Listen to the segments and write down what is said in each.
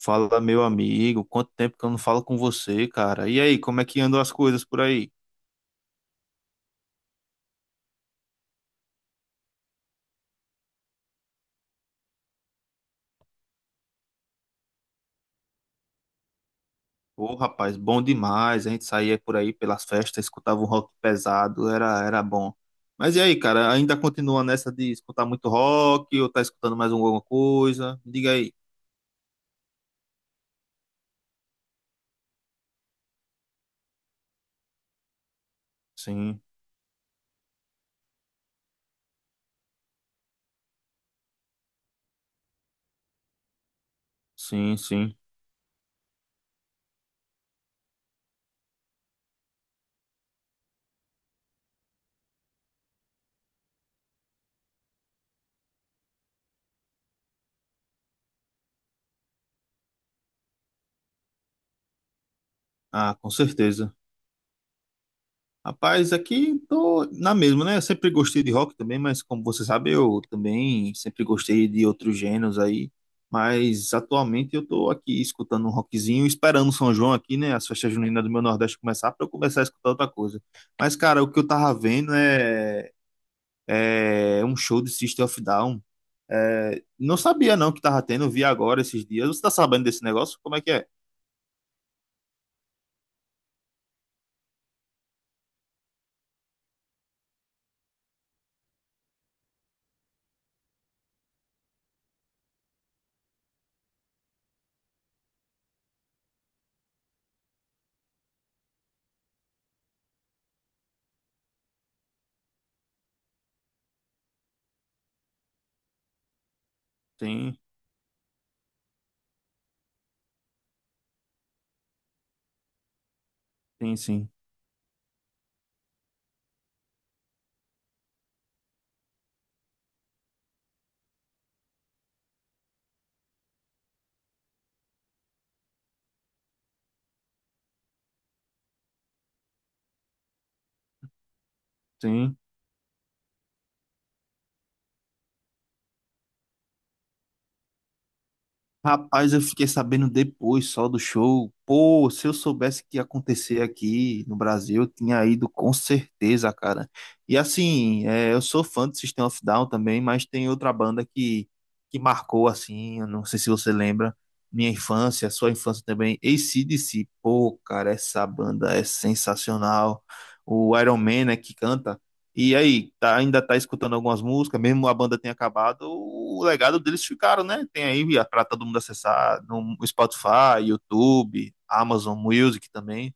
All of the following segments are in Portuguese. Fala, meu amigo, quanto tempo que eu não falo com você, cara? E aí, como é que andam as coisas por aí? Ô, rapaz, bom demais. A gente saía por aí pelas festas, escutava um rock pesado, era bom. Mas e aí, cara, ainda continua nessa de escutar muito rock ou tá escutando mais alguma coisa? Me diga aí. Sim, sim, sim. Ah, com certeza. Rapaz, aqui tô na mesma, né? Eu sempre gostei de rock também, mas como você sabe, eu também sempre gostei de outros gêneros aí. Mas atualmente eu tô aqui escutando um rockzinho, esperando o São João aqui, né? As festas juninas do meu Nordeste começar para eu começar a escutar outra coisa. Mas, cara, o que eu tava vendo é um show de System of Down. É, não sabia não que tava tendo, eu vi agora esses dias. Você tá sabendo desse negócio? Como é que é? Sim, sim, sim, sim. Rapaz, eu fiquei sabendo depois só do show. Pô, se eu soubesse que ia acontecer aqui no Brasil, eu tinha ido com certeza, cara. E assim, é, eu sou fã do System of a Down também, mas tem outra banda que marcou, assim, eu não sei se você lembra, minha infância, sua infância também, AC/DC. Pô, cara, essa banda é sensacional. O Iron Man, né, que canta. E aí, ainda tá escutando algumas músicas, mesmo a banda tenha acabado, o legado deles ficaram, né? Tem pra todo mundo acessar no Spotify, YouTube, Amazon Music também.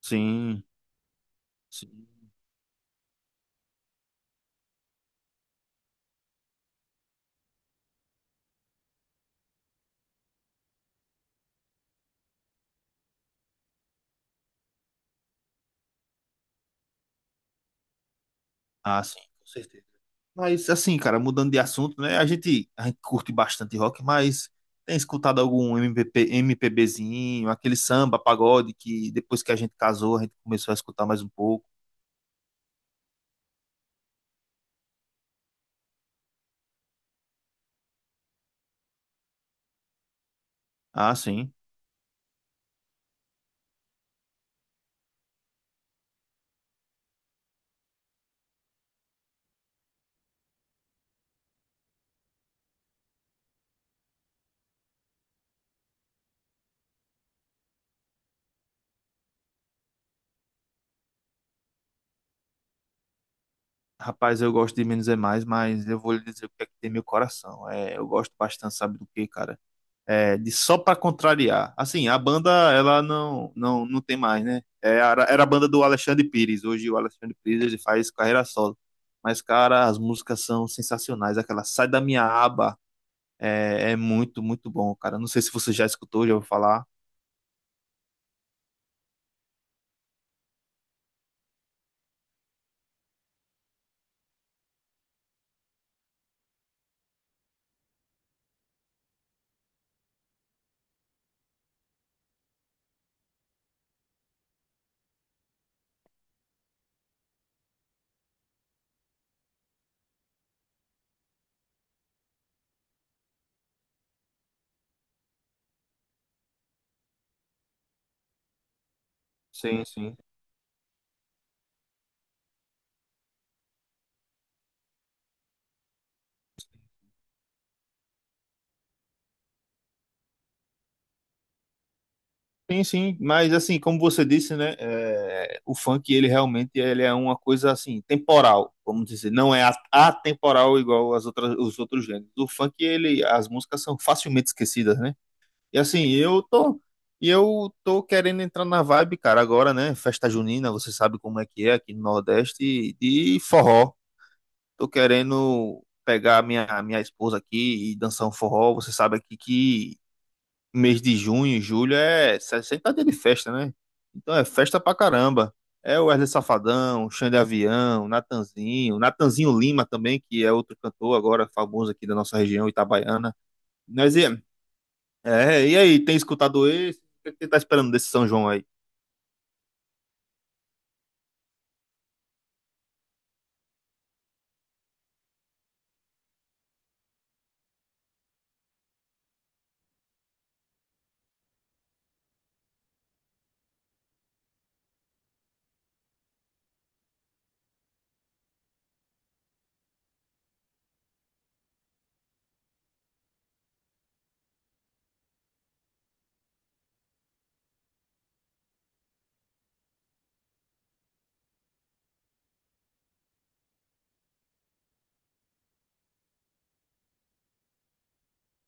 Sim, sim. Ah, sim, com certeza. Mas assim, cara, mudando de assunto, né? A gente curte bastante rock, mas tem escutado algum MPB, MPBzinho, aquele samba, pagode que depois que a gente casou, a gente começou a escutar mais um pouco. Ah, sim. Rapaz, eu gosto de menos é mais, mas eu vou lhe dizer o que é que tem meu coração. É, eu gosto bastante, sabe do que, cara? É, de só pra contrariar. Assim, a banda, ela não tem mais, né? É, era a banda do Alexandre Pires. Hoje o Alexandre Pires ele faz carreira solo. Mas, cara, as músicas são sensacionais. Aquela Sai da Minha Aba é muito, muito bom, cara. Não sei se você já escutou, já ouviu falar. Sim, sim. Sim, sim, mas assim, como você disse, né, é, o funk, ele realmente ele é uma coisa assim, temporal, vamos dizer, não é atemporal igual as outras, os outros gêneros. O funk, ele, as músicas são facilmente esquecidas, né? E assim, e eu tô querendo entrar na vibe, cara, agora, né, festa junina, você sabe como é que é aqui no Nordeste, de forró. Tô querendo pegar a minha esposa aqui e dançar um forró, você sabe aqui que mês de junho, julho é 60 dias de festa, né? Então é festa pra caramba. É o Wesley Safadão, Xande Avião, Natanzinho Lima também, que é outro cantor agora famoso aqui da nossa região, Itabaiana. Mas e, e aí, tem escutado esse? O que você tá esperando desse São João aí?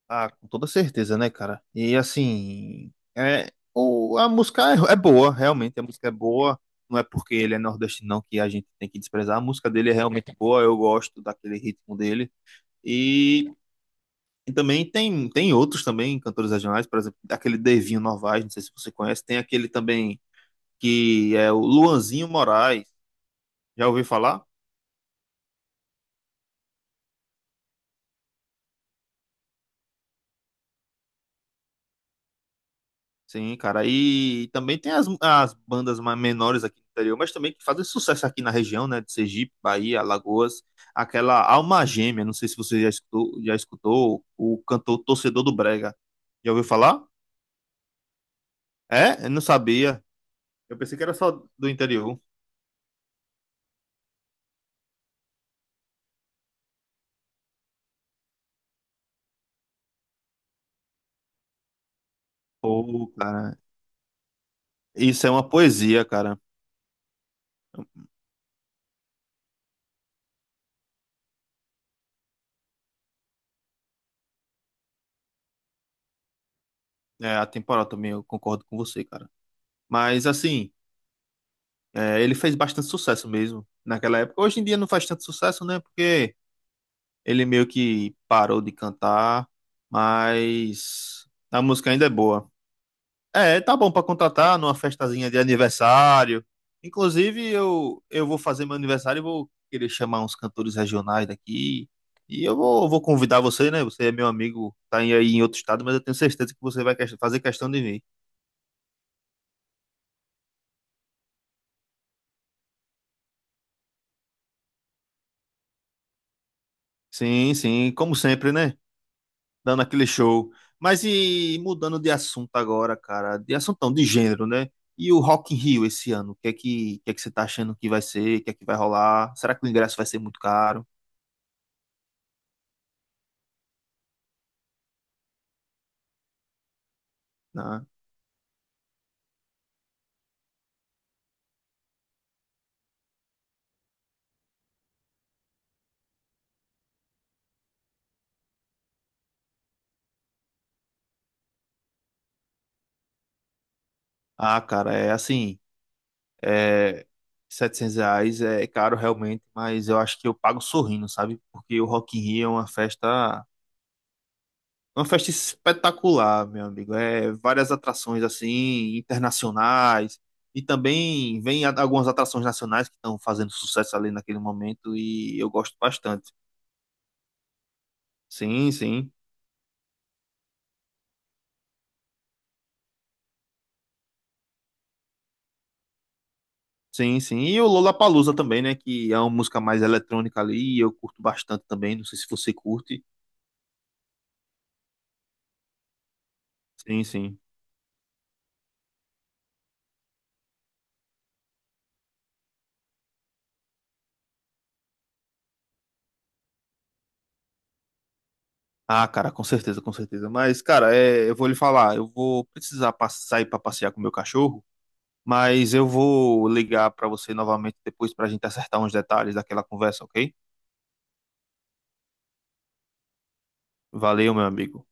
Ah, com toda certeza, né, cara? E assim, é, a música é boa, realmente, a música é boa. Não é porque ele é nordestino não que a gente tem que desprezar. A música dele é realmente boa, eu gosto daquele ritmo dele. E também tem outros também, cantores regionais, por exemplo, aquele Devinho Novaes, não sei se você conhece, tem aquele também que é o Luanzinho Moraes, já ouviu falar? Sim, cara, e também tem as bandas mais menores aqui do interior, mas também que fazem sucesso aqui na região, né, de Sergipe, Bahia, Alagoas, aquela Alma Gêmea, não sei se você já escutou o cantor Torcedor do Brega, já ouviu falar? É? Eu não sabia, eu pensei que era só do interior. Pô, cara, isso é uma poesia, cara. É, a temporada também, eu concordo com você, cara. Mas, assim, é, ele fez bastante sucesso mesmo naquela época. Hoje em dia não faz tanto sucesso, né? Porque ele meio que parou de cantar, mas a música ainda é boa. É, tá bom pra contratar numa festazinha de aniversário. Inclusive, eu vou fazer meu aniversário e vou querer chamar uns cantores regionais daqui. E eu vou convidar você, né? Você é meu amigo, tá aí em outro estado, mas eu tenho certeza que você vai fazer questão de vir. Sim, sim, como sempre, né? Dando aquele show. Mas e mudando de assunto agora, cara, de assunto não, de gênero, né? E o Rock in Rio esse ano, o que é que você tá achando que vai ser, o que é que vai rolar? Será que o ingresso vai ser muito caro? Né? Ah, cara, é assim, é, R$ 700 é caro realmente, mas eu acho que eu pago sorrindo, sabe? Porque o Rock in Rio é uma festa. Uma festa espetacular, meu amigo. É várias atrações assim internacionais e também vem algumas atrações nacionais que estão fazendo sucesso ali naquele momento e eu gosto bastante. Sim, sim. Sim, sim. E o Lollapalooza também, né, que é uma música mais eletrônica ali e eu curto bastante também, não sei se você curte. Sim, sim. Ah, cara, com certeza, com certeza. Mas, cara, é, eu vou lhe falar, eu vou precisar sair para passear com o meu cachorro. Mas eu vou ligar para você novamente depois para a gente acertar uns detalhes daquela conversa, ok? Valeu, meu amigo.